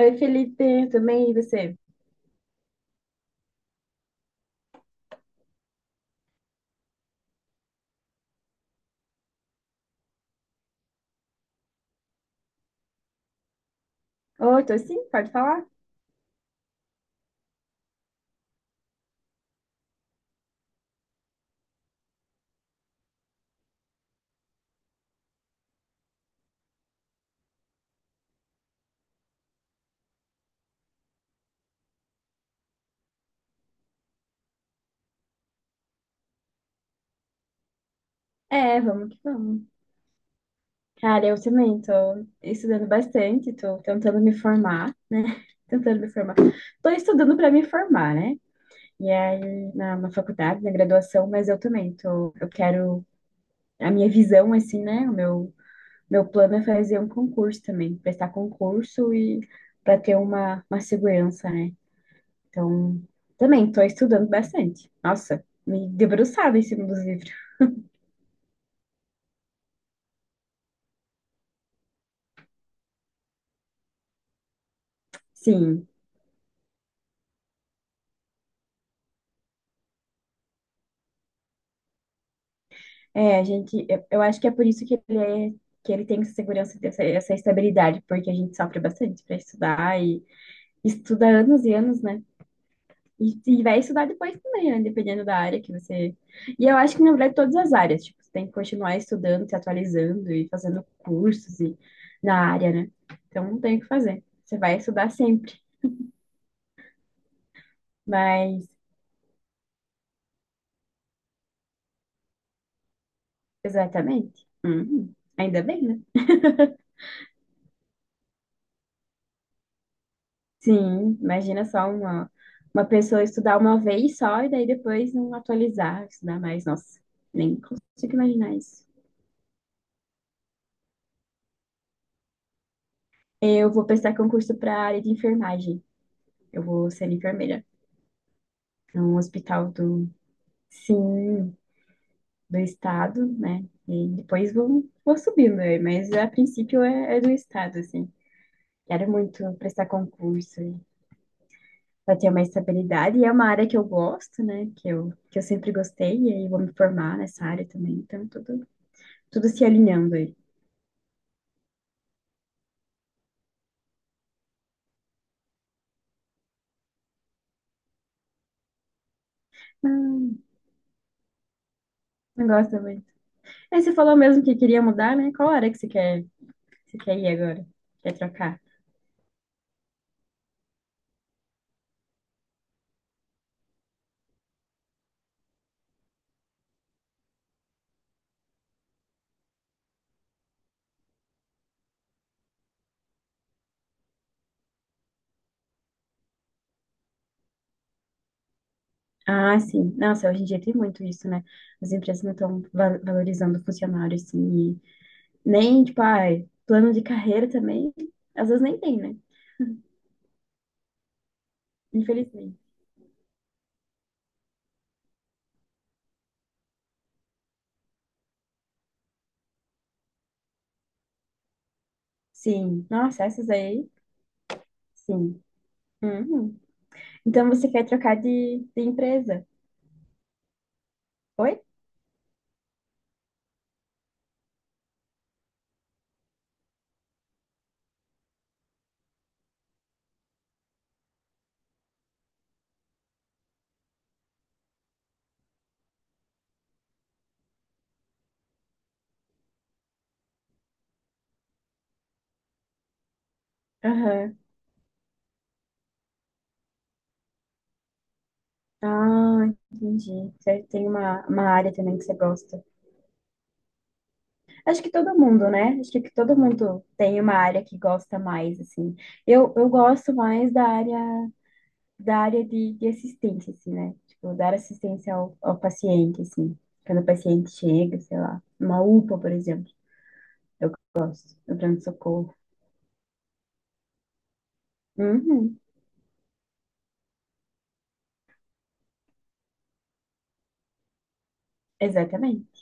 Oi, Felipe, tudo bem? E você? Oi, tô sim, pode falar? É, vamos que vamos. Cara, eu também tô estudando bastante, tô tentando me formar, né? Tentando me formar. Tô estudando para me formar, né? E aí, na faculdade, na graduação, mas eu também tô, eu quero, a minha visão, assim, né? O meu plano é fazer um concurso também, prestar concurso e para ter uma segurança, né? Então, também estou estudando bastante. Nossa, me debruçada em cima dos livros. Sim, é, a gente, eu acho que é por isso que ele é, que ele tem essa segurança, essa estabilidade, porque a gente sofre bastante para estudar e estuda anos e anos, né? E vai estudar depois também, né? Dependendo da área que você. E eu acho que, na verdade, todas as áreas, tipo, você tem que continuar estudando, se atualizando e fazendo cursos e, na área, né? Então, não tem o que fazer. Você vai estudar sempre. Mas exatamente. Uhum. Ainda bem, né? Sim, imagina só uma pessoa estudar uma vez só e daí depois não atualizar, estudar mais. Nossa, nem consigo imaginar isso. Eu vou prestar concurso para a área de enfermagem. Eu vou ser enfermeira num hospital do, sim, do estado, né? E depois vou, vou subindo, né? Mas a princípio é, é do estado, assim. Quero muito prestar concurso. Vai ter uma estabilidade e é uma área que eu gosto, né? Que eu sempre gostei e aí vou me formar nessa área também. Então, tudo, tudo se alinhando aí. Não, não gosto muito. Aí você falou mesmo que queria mudar, né? Qual área que você quer ir agora? Quer trocar? Ah, sim. Nossa, hoje em dia tem muito isso, né? As empresas não estão valorizando o funcionário, assim, e nem, tipo, ai, plano de carreira também, às vezes nem tem, né? Infelizmente. Sim. Nossa, essas aí, sim. Uhum. Então você quer trocar de empresa? Foi? Aham. Ah, entendi. Você tem uma área também que você gosta. Acho que todo mundo, né? Acho que todo mundo tem uma área que gosta mais, assim. Eu gosto mais da área de assistência, assim, né? Tipo, dar assistência ao paciente, assim. Quando o paciente chega, sei lá, uma UPA, por exemplo. Eu gosto. Do pronto-socorro. Uhum, exatamente.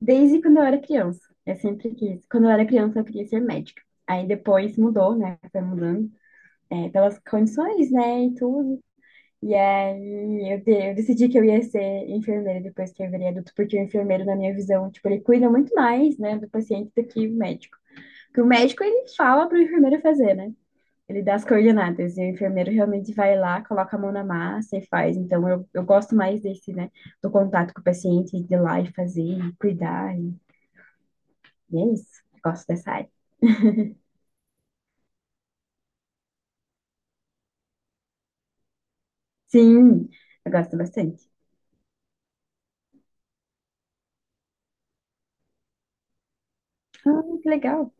Desde quando eu era criança, eu sempre quis. Quando eu era criança, eu queria ser médica. Aí depois mudou, né? Foi mudando, é, pelas condições, né? E tudo. E aí eu decidi que eu ia ser enfermeira depois que eu virei adulto, porque o enfermeiro, na minha visão, tipo, ele cuida muito mais, né, do paciente do que o médico. Porque o médico, ele fala pro enfermeiro fazer, né? Ele dá as coordenadas. E o enfermeiro realmente vai lá, coloca a mão na massa e faz. Então eu gosto mais desse, né? Do contato com o paciente, de ir lá e fazer, e cuidar. E é isso. Eu gosto dessa área. Sim, eu gosto bastante. Ah, que legal.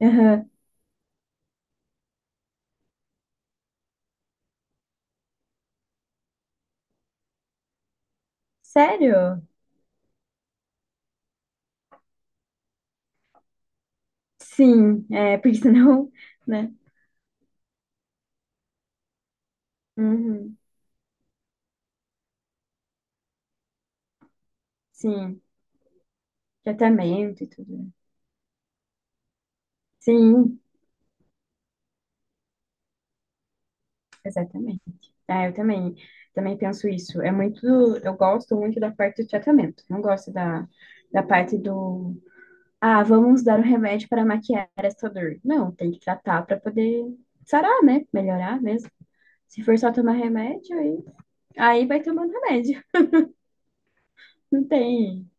Aham. Sério? Sim, é, porque senão, né? Uhum. Sim, tratamento e tudo. Sim, exatamente. Ah, eu também, também penso isso. É muito, eu gosto muito da parte do tratamento. Não gosto da, da parte do, ah, vamos dar um remédio para maquiar essa dor. Não, tem que tratar para poder sarar, né? Melhorar mesmo. Se for só tomar remédio, aí aí vai tomando remédio. Não tem.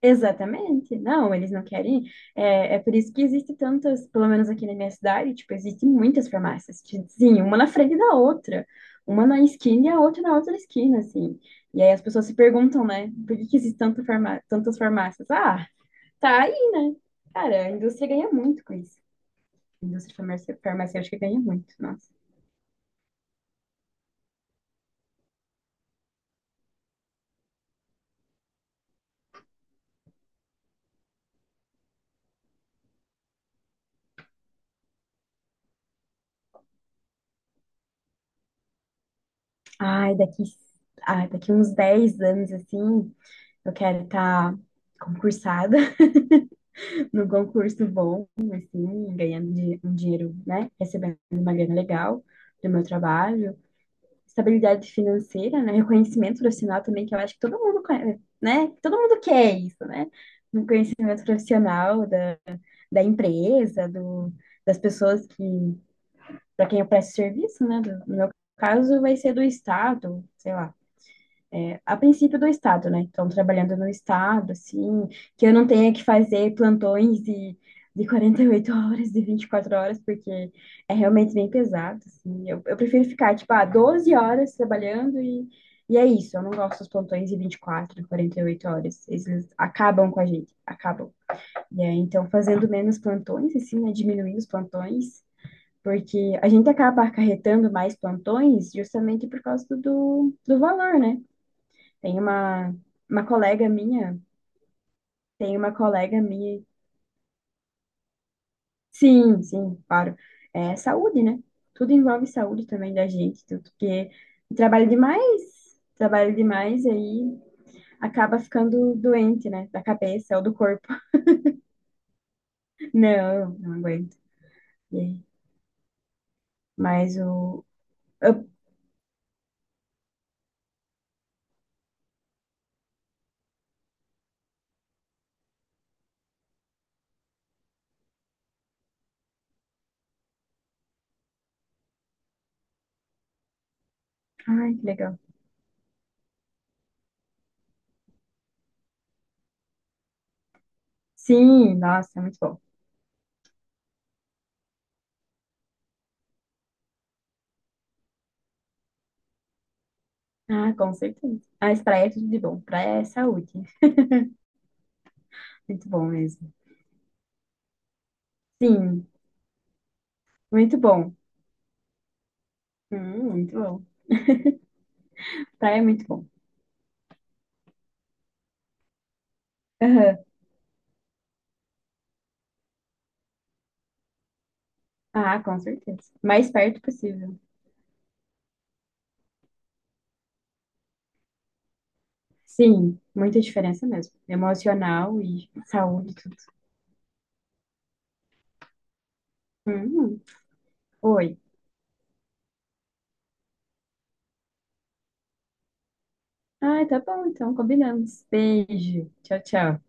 Exatamente. Não, eles não querem. É, é por isso que existe tantas, pelo menos aqui na minha cidade, tipo, existem muitas farmácias. Tipo, sim, uma na frente da outra. Uma na esquina e a outra na outra esquina, assim. E aí as pessoas se perguntam, né? Por que que existe tanta farmá tantas farmácias? Ah, tá aí, né? Cara, a indústria ganha muito com isso. A indústria farmácia- farmacêutica ganha muito, nossa. Ai, daqui, ai, daqui uns 10 anos, assim, eu quero estar concursada. No concurso bom, assim, ganhando di- um dinheiro, né? Recebendo uma grana legal do meu trabalho, estabilidade financeira, né? Reconhecimento profissional também, que eu acho que todo mundo, conhe- né? Todo mundo quer isso, né? Um conhecimento profissional da, da empresa, do, das pessoas que, para quem eu presto serviço, né? Do- no meu caso, vai ser do Estado, sei lá é, a princípio do estado, né? Então, trabalhando no estado, assim, que eu não tenha que fazer plantões de 48 horas, de 24 horas, porque é realmente bem pesado, assim. Eu prefiro ficar, tipo, ah, 12 horas trabalhando e é isso. Eu não gosto dos plantões de 24, 48 horas. Eles acabam com a gente, acabam. E aí, então, fazendo menos plantões, assim, né? Diminuindo os plantões. Porque a gente acaba acarretando mais plantões justamente por causa do valor, né? Tem uma colega minha, tem uma colega minha. Sim, sim, claro. É saúde, né? Tudo envolve saúde também da gente, tudo porque trabalha demais, trabalha demais e aí acaba ficando doente, né? Da cabeça ou do corpo. Não, não aguento. E aí? Mas o. Eu- ai, que legal. Sim, nossa, é muito bom. Ah, com certeza. Mas praia é tudo de bom. Praia é saúde. Muito bom mesmo. Sim, muito bom. Muito bom. Praia é muito bom. Aham. Ah, com certeza. Mais perto possível. Sim, muita diferença mesmo. Emocional e saúde, tudo. Hum, oi. Ah, tá bom, então combinamos. Beijo. Tchau, tchau.